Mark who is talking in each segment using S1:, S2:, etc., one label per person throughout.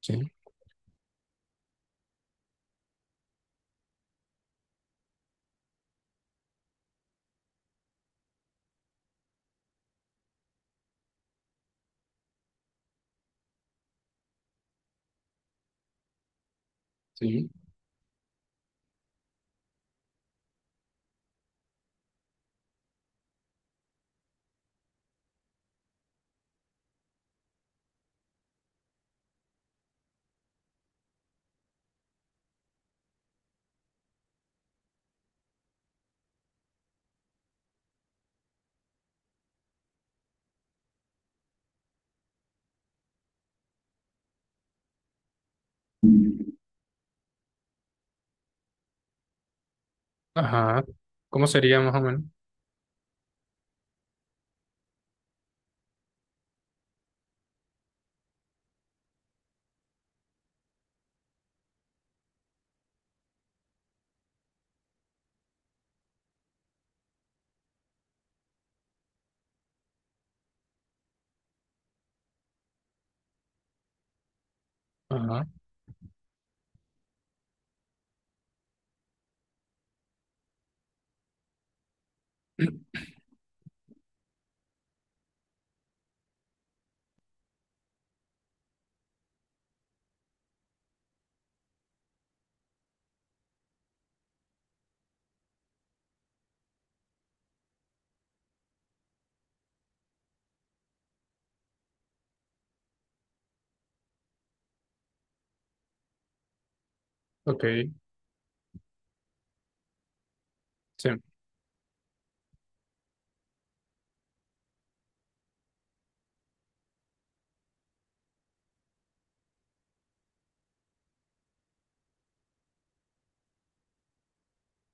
S1: Sí, sí. Ajá. ¿Cómo sería más o menos? Ajá. Ok. Sí,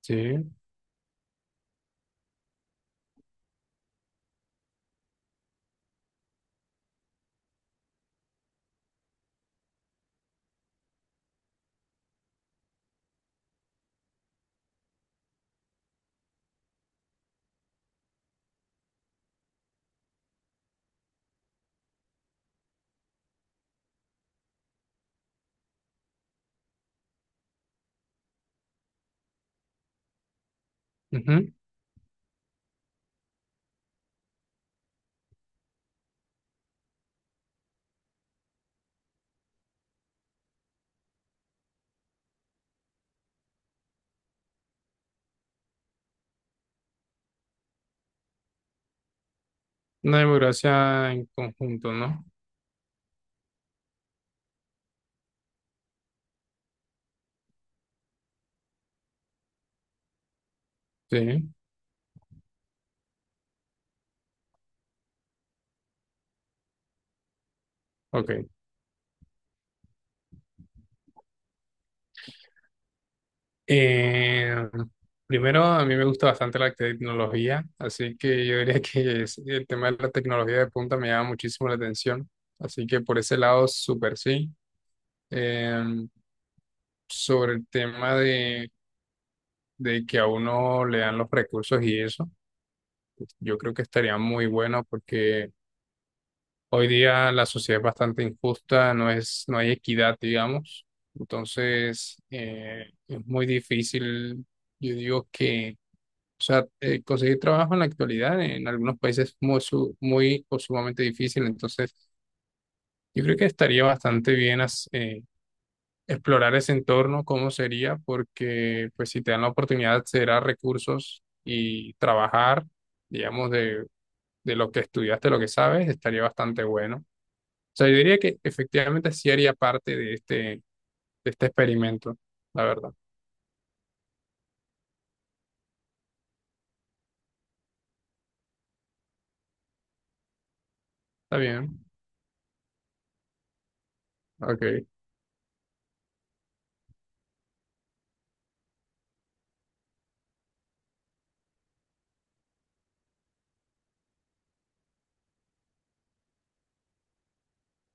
S1: sí. Ujú. Una democracia en conjunto, ¿no? Sí. Ok. Eh, Primero, a mí me gusta bastante la tecnología, así que yo diría el tema de la tecnología de punta me llama muchísimo la atención. Así que por ese lado, súper sí. Eh, Sobre el tema de que a uno le dan los recursos y eso, yo creo que estaría muy bueno porque hoy día la sociedad es bastante injusta, no hay equidad, digamos. Entonces, es muy difícil, yo digo que, o sea, conseguir trabajo en la actualidad en algunos países es muy, muy o sumamente difícil. Entonces, yo creo que estaría bastante bien explorar ese entorno, cómo sería, porque pues si te dan la oportunidad de acceder a recursos y trabajar, digamos, de lo que estudiaste, lo que sabes, estaría bastante bueno. O sea, yo diría que efectivamente sí haría parte de este experimento, la verdad. Está bien. Ok,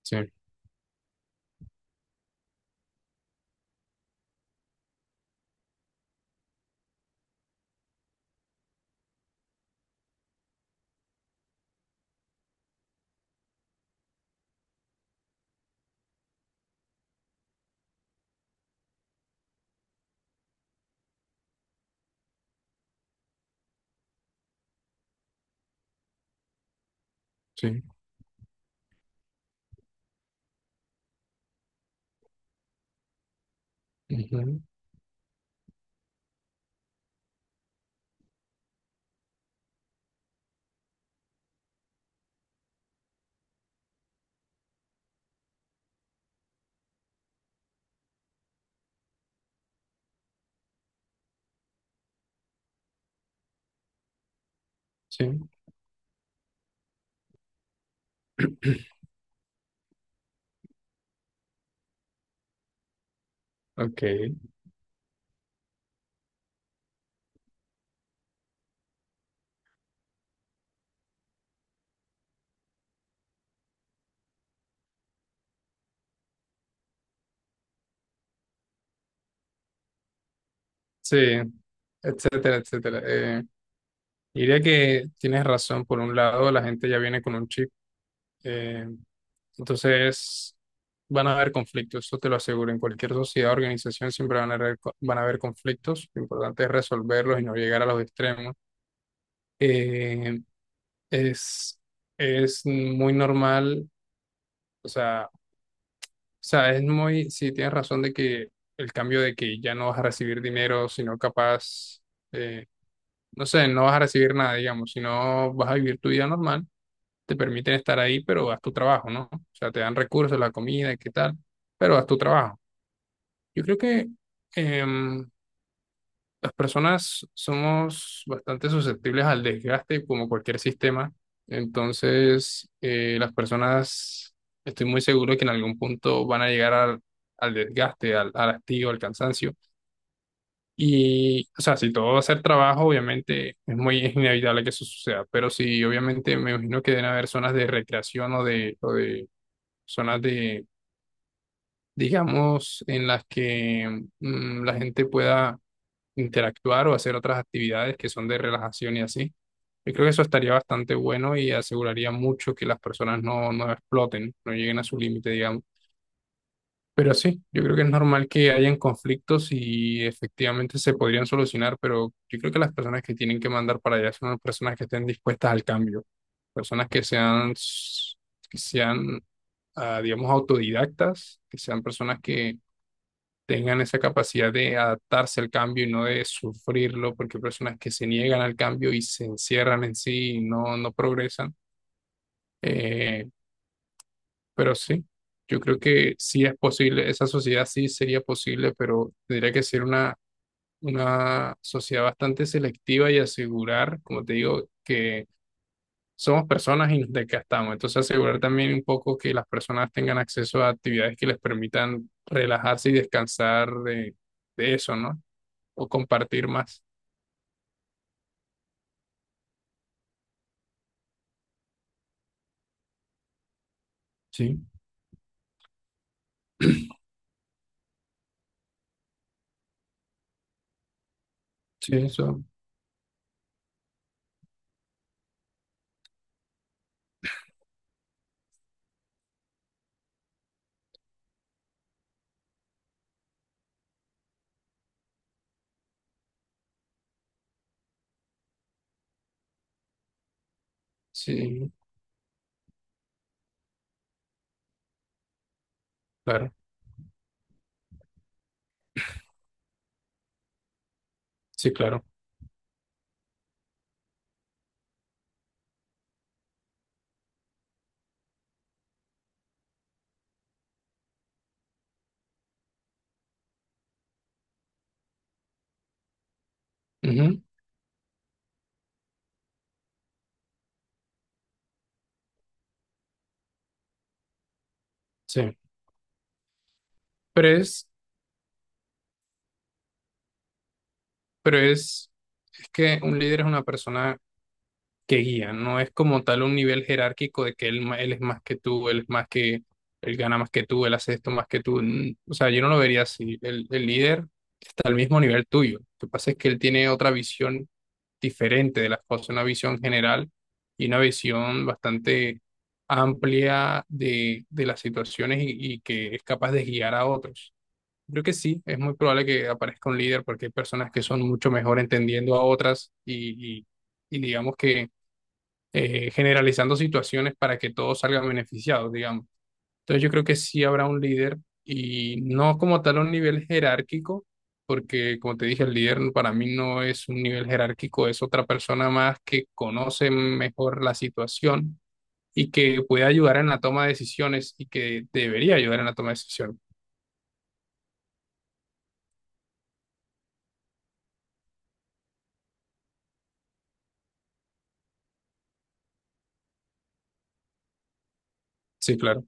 S1: sí, sí, ujú, sí, ok, sí, etcétera, etcétera. Diría que tienes razón. Por un lado, la gente ya viene con un chip. eh, entonces, van a haber conflictos, eso te lo aseguro. En cualquier sociedad, organización, siempre van a haber, van a haber conflictos. Lo importante es resolverlos y no llegar a los extremos. Eh, es... Es muy normal. O sea, es muy, sí, tienes razón de que el cambio de que ya no vas a recibir dinero, sino capaz, eh, no sé, no vas a recibir nada, digamos, sino vas a vivir tu vida normal, te permiten estar ahí, pero haz tu trabajo, ¿no? O sea, te dan recursos, la comida, y qué tal, pero haz tu trabajo. Yo creo que, em, las personas somos bastante susceptibles al desgaste como cualquier sistema. Entonces, las personas, estoy muy seguro que en algún punto van a llegar al, al desgaste, al, al hastío, al cansancio. Y, o sea, si todo va a ser trabajo, obviamente es inevitable que eso suceda. Pero sí, obviamente me imagino que deben haber zonas de recreación o de zonas de, digamos, en las que la gente pueda interactuar o hacer otras actividades que son de relajación y así. Yo creo que eso estaría bastante bueno y aseguraría mucho que las personas no, no exploten, no lleguen a su límite, digamos. Pero sí, yo creo que es normal que hayan conflictos y efectivamente se podrían solucionar, pero yo creo que las personas que tienen que mandar para allá son las personas que estén dispuestas al cambio, personas que sean, digamos, autodidactas, que sean personas que tengan esa capacidad de adaptarse al cambio y no de sufrirlo, porque hay personas que se niegan al cambio y se encierran en sí y no, no progresan. Eh, pero sí, yo creo que sí es posible, esa sociedad sí sería posible, pero tendría que ser una sociedad bastante selectiva y asegurar, como te digo, que somos personas y nos desgastamos. Entonces asegurar también un poco que las personas tengan acceso a actividades que les permitan relajarse y descansar de eso, ¿no? O compartir más. Sí, sí, eso, sí, claro, sí, claro. Ujú, sí. Pero es, pero es que un líder es una persona que guía, no es como tal un nivel jerárquico de que él, él es más que tú, él es más que, él gana más que tú, él hace esto más que tú. O sea, yo no lo vería así. El líder al mismo nivel tuyo. Lo que pasa es que él tiene otra visión diferente de las cosas, una visión general y una visión bastante amplia de las situaciones y que es capaz de guiar a otros. Creo que sí, es muy probable que aparezca un líder porque hay personas que son mucho mejor entendiendo a otras y digamos que generalizando situaciones para que todos salgan beneficiados, digamos. Entonces yo creo que sí habrá un líder y no como tal a un nivel jerárquico, porque como te dije, el líder para mí no es un nivel jerárquico, es otra persona más que conoce mejor la situación y que puede ayudar en la toma de decisiones y que debería ayudar en la toma de decisiones. Sí, claro.